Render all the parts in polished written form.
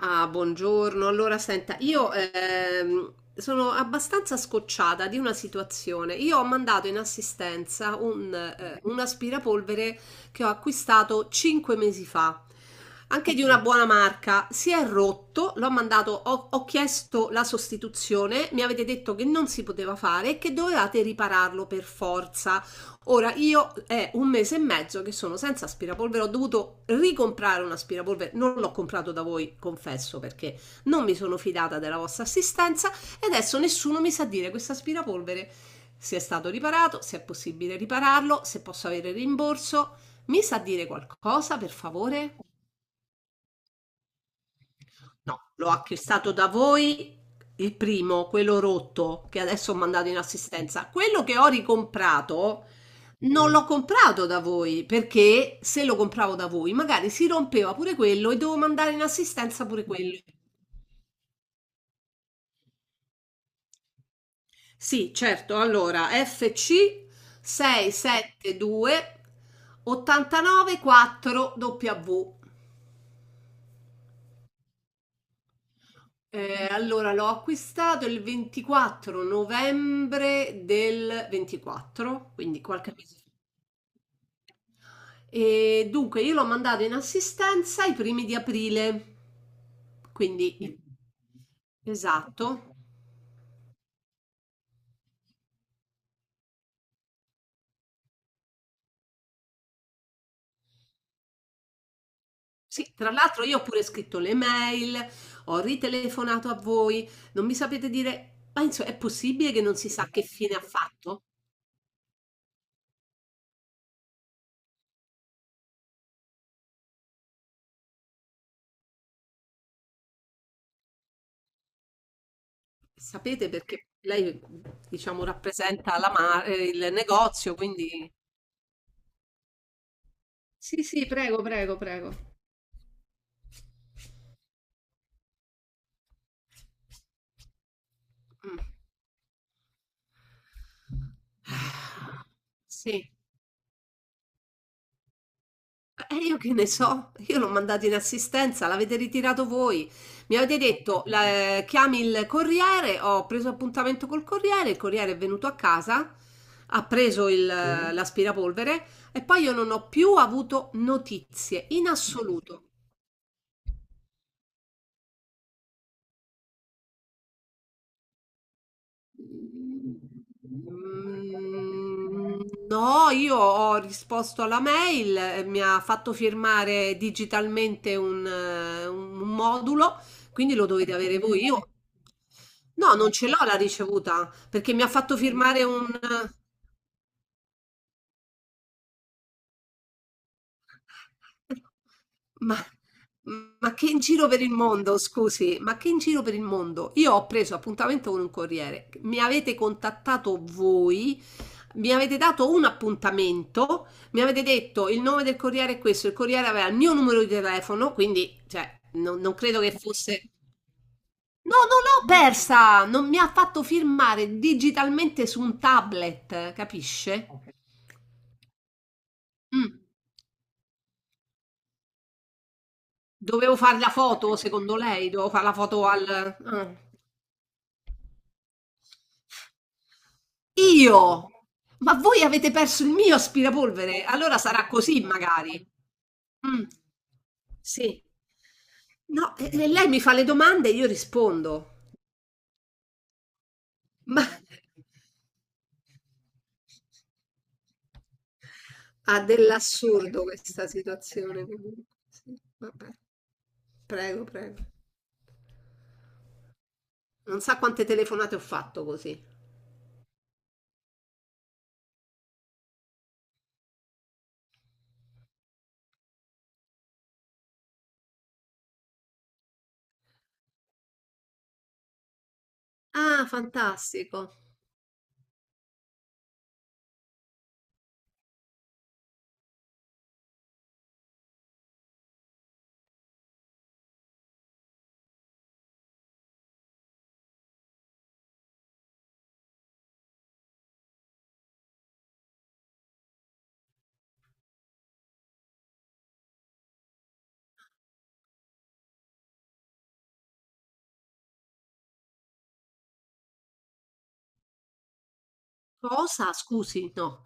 Ah, buongiorno. Allora, senta, io sono abbastanza scocciata di una situazione. Io ho mandato in assistenza un aspirapolvere che ho acquistato 5 mesi fa, anche di una, ok, buona marca. Si è rotto, l'ho mandato, ho chiesto la sostituzione, mi avete detto che non si poteva fare e che dovevate ripararlo per forza. Ora io è un mese e mezzo che sono senza aspirapolvere, ho dovuto ricomprare un aspirapolvere, non l'ho comprato da voi, confesso, perché non mi sono fidata della vostra assistenza e adesso nessuno mi sa dire questo aspirapolvere se è stato riparato, se è possibile ripararlo, se posso avere rimborso. Mi sa dire qualcosa, per favore? L'ho acquistato da voi, il primo, quello rotto, che adesso ho mandato in assistenza. Quello che ho ricomprato non l'ho comprato da voi, perché se lo compravo da voi, magari si rompeva pure quello e devo mandare in assistenza pure quello. Sì, certo. Allora, FC 672 89 4 W. Allora l'ho acquistato il 24 novembre del 24, quindi qualche mese fa. E dunque io l'ho mandato in assistenza i primi di aprile. Quindi il- esatto. Sì, tra l'altro io ho pure scritto le mail, ho ritelefonato a voi, non mi sapete dire, ma insomma, è possibile che non si sa che fine ha fatto? Sapete perché lei, diciamo, rappresenta il negozio, quindi. Sì, sì, prego, prego, prego. Mm. Sì, e io che ne so, io l'ho mandato in assistenza, l'avete ritirato voi. Mi avete detto, chiami il corriere, ho preso appuntamento col corriere, il corriere è venuto a casa, ha preso l'aspirapolvere e poi io non ho più avuto notizie in assoluto. Mm. No, io ho risposto alla mail, mi ha fatto firmare digitalmente un modulo, quindi lo dovete avere voi. Io no, non ce l'ho la ricevuta perché mi ha fatto firmare un... Ma ma che in giro per il mondo, scusi, ma che in giro per il mondo? Io ho preso appuntamento con un corriere, mi avete contattato voi, mi avete dato un appuntamento, mi avete detto il nome del corriere è questo, il corriere aveva il mio numero di telefono, quindi cioè, non credo che fosse... No, non l'ho persa! Non mi ha fatto firmare digitalmente su un tablet, capisce? Mm. Dovevo fare la foto, secondo lei? Dovevo fare la foto al... Ah. Io? Ma voi avete perso il mio aspirapolvere? Allora sarà così, magari. Mm, sì. No, e lei mi fa le domande e io rispondo. Ma ha dell'assurdo questa situazione comunque. Sì, vabbè. Prego, prego. Non sa quante telefonate ho fatto così. Ah, fantastico. Cosa? Scusi, no.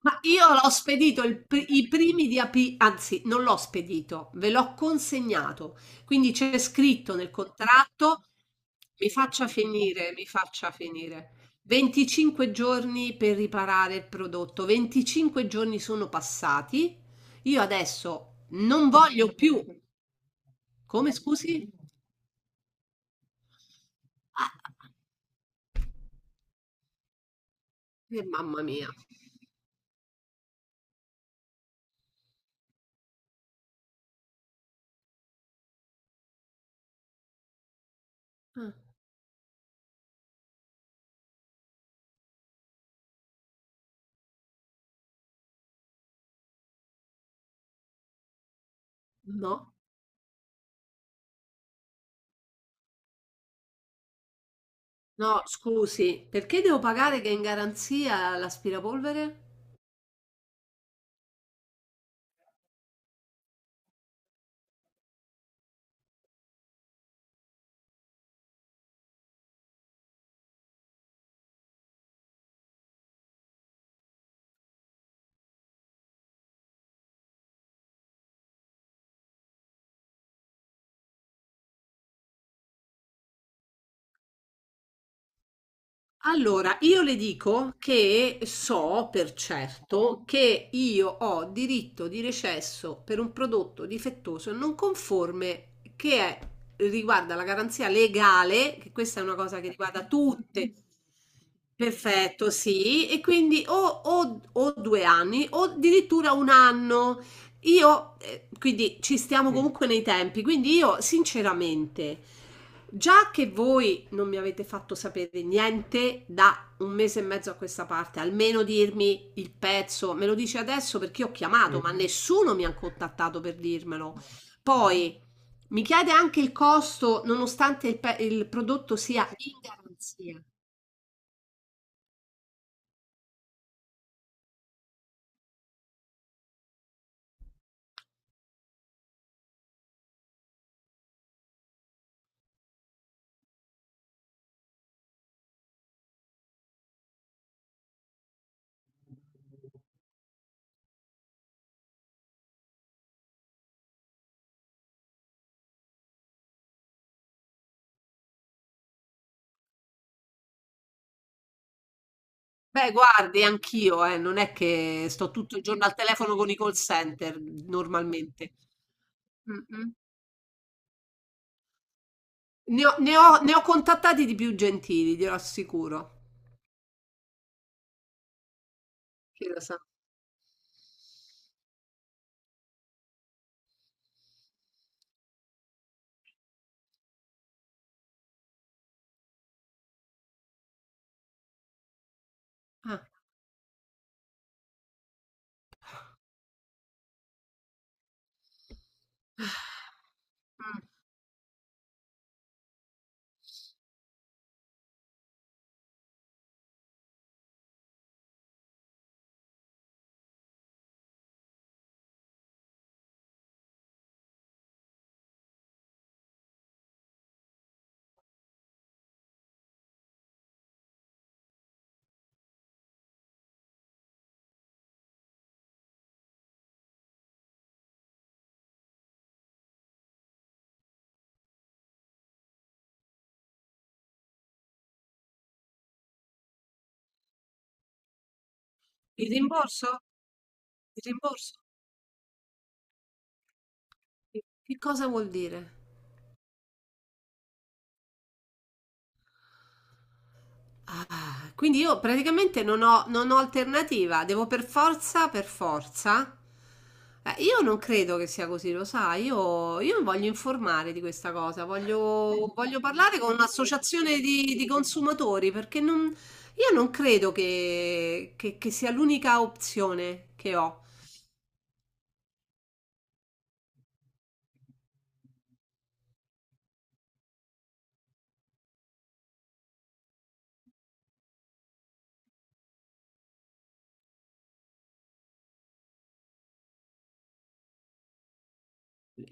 Ma io l'ho spedito i primi di aprile, anzi, non l'ho spedito, ve l'ho consegnato. Quindi c'è scritto nel contratto, mi faccia finire, mi faccia finire. 25 giorni per riparare il prodotto. 25 giorni sono passati. Io adesso non voglio più. Come scusi? Ah, mamma mia. Ah. No. No, scusi, perché devo pagare che è in garanzia l'aspirapolvere? Allora, io le dico che so per certo che io ho diritto di recesso per un prodotto difettoso non conforme che è- riguarda la garanzia legale, che questa è una cosa che riguarda tutte. Perfetto, sì, e quindi o, o due anni o addirittura un anno. Io, quindi ci stiamo comunque nei tempi, quindi io sinceramente. Già che voi non mi avete fatto sapere niente da un mese e mezzo a questa parte, almeno dirmi il pezzo, me lo dici adesso perché io ho chiamato, ma nessuno mi ha contattato per dirmelo. Poi mi chiede anche il costo, nonostante il prodotto sia in garanzia. Beh, guardi, anch'io, non è che sto tutto il giorno al telefono con i call center normalmente. Mm-mm. Ne ho contattati di più gentili, glielo assicuro. Chi lo sa? Ah. Mh. Il rimborso? Il rimborso? Che cosa vuol dire? Ah, quindi io praticamente non ho alternativa, devo per forza per forza? Io non credo che sia così, lo sai, io mi voglio informare di questa cosa, voglio parlare con un'associazione di consumatori, perché non io non credo che sia l'unica opzione che ho.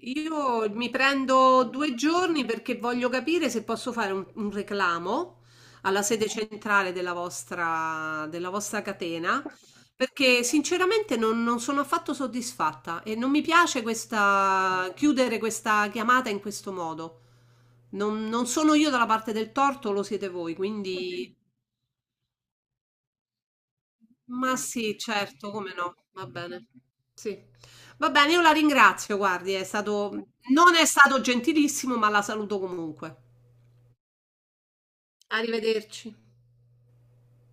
Io mi prendo due giorni perché voglio capire se posso fare un reclamo alla sede centrale della vostra catena, perché sinceramente non sono affatto soddisfatta e non mi piace chiudere questa chiamata in questo modo. Non sono io dalla parte del torto, lo siete voi, quindi ma sì, certo, come no, va bene. Sì. Va bene, io la ringrazio, guardi, è stato, non è stato gentilissimo, ma la saluto comunque. Arrivederci.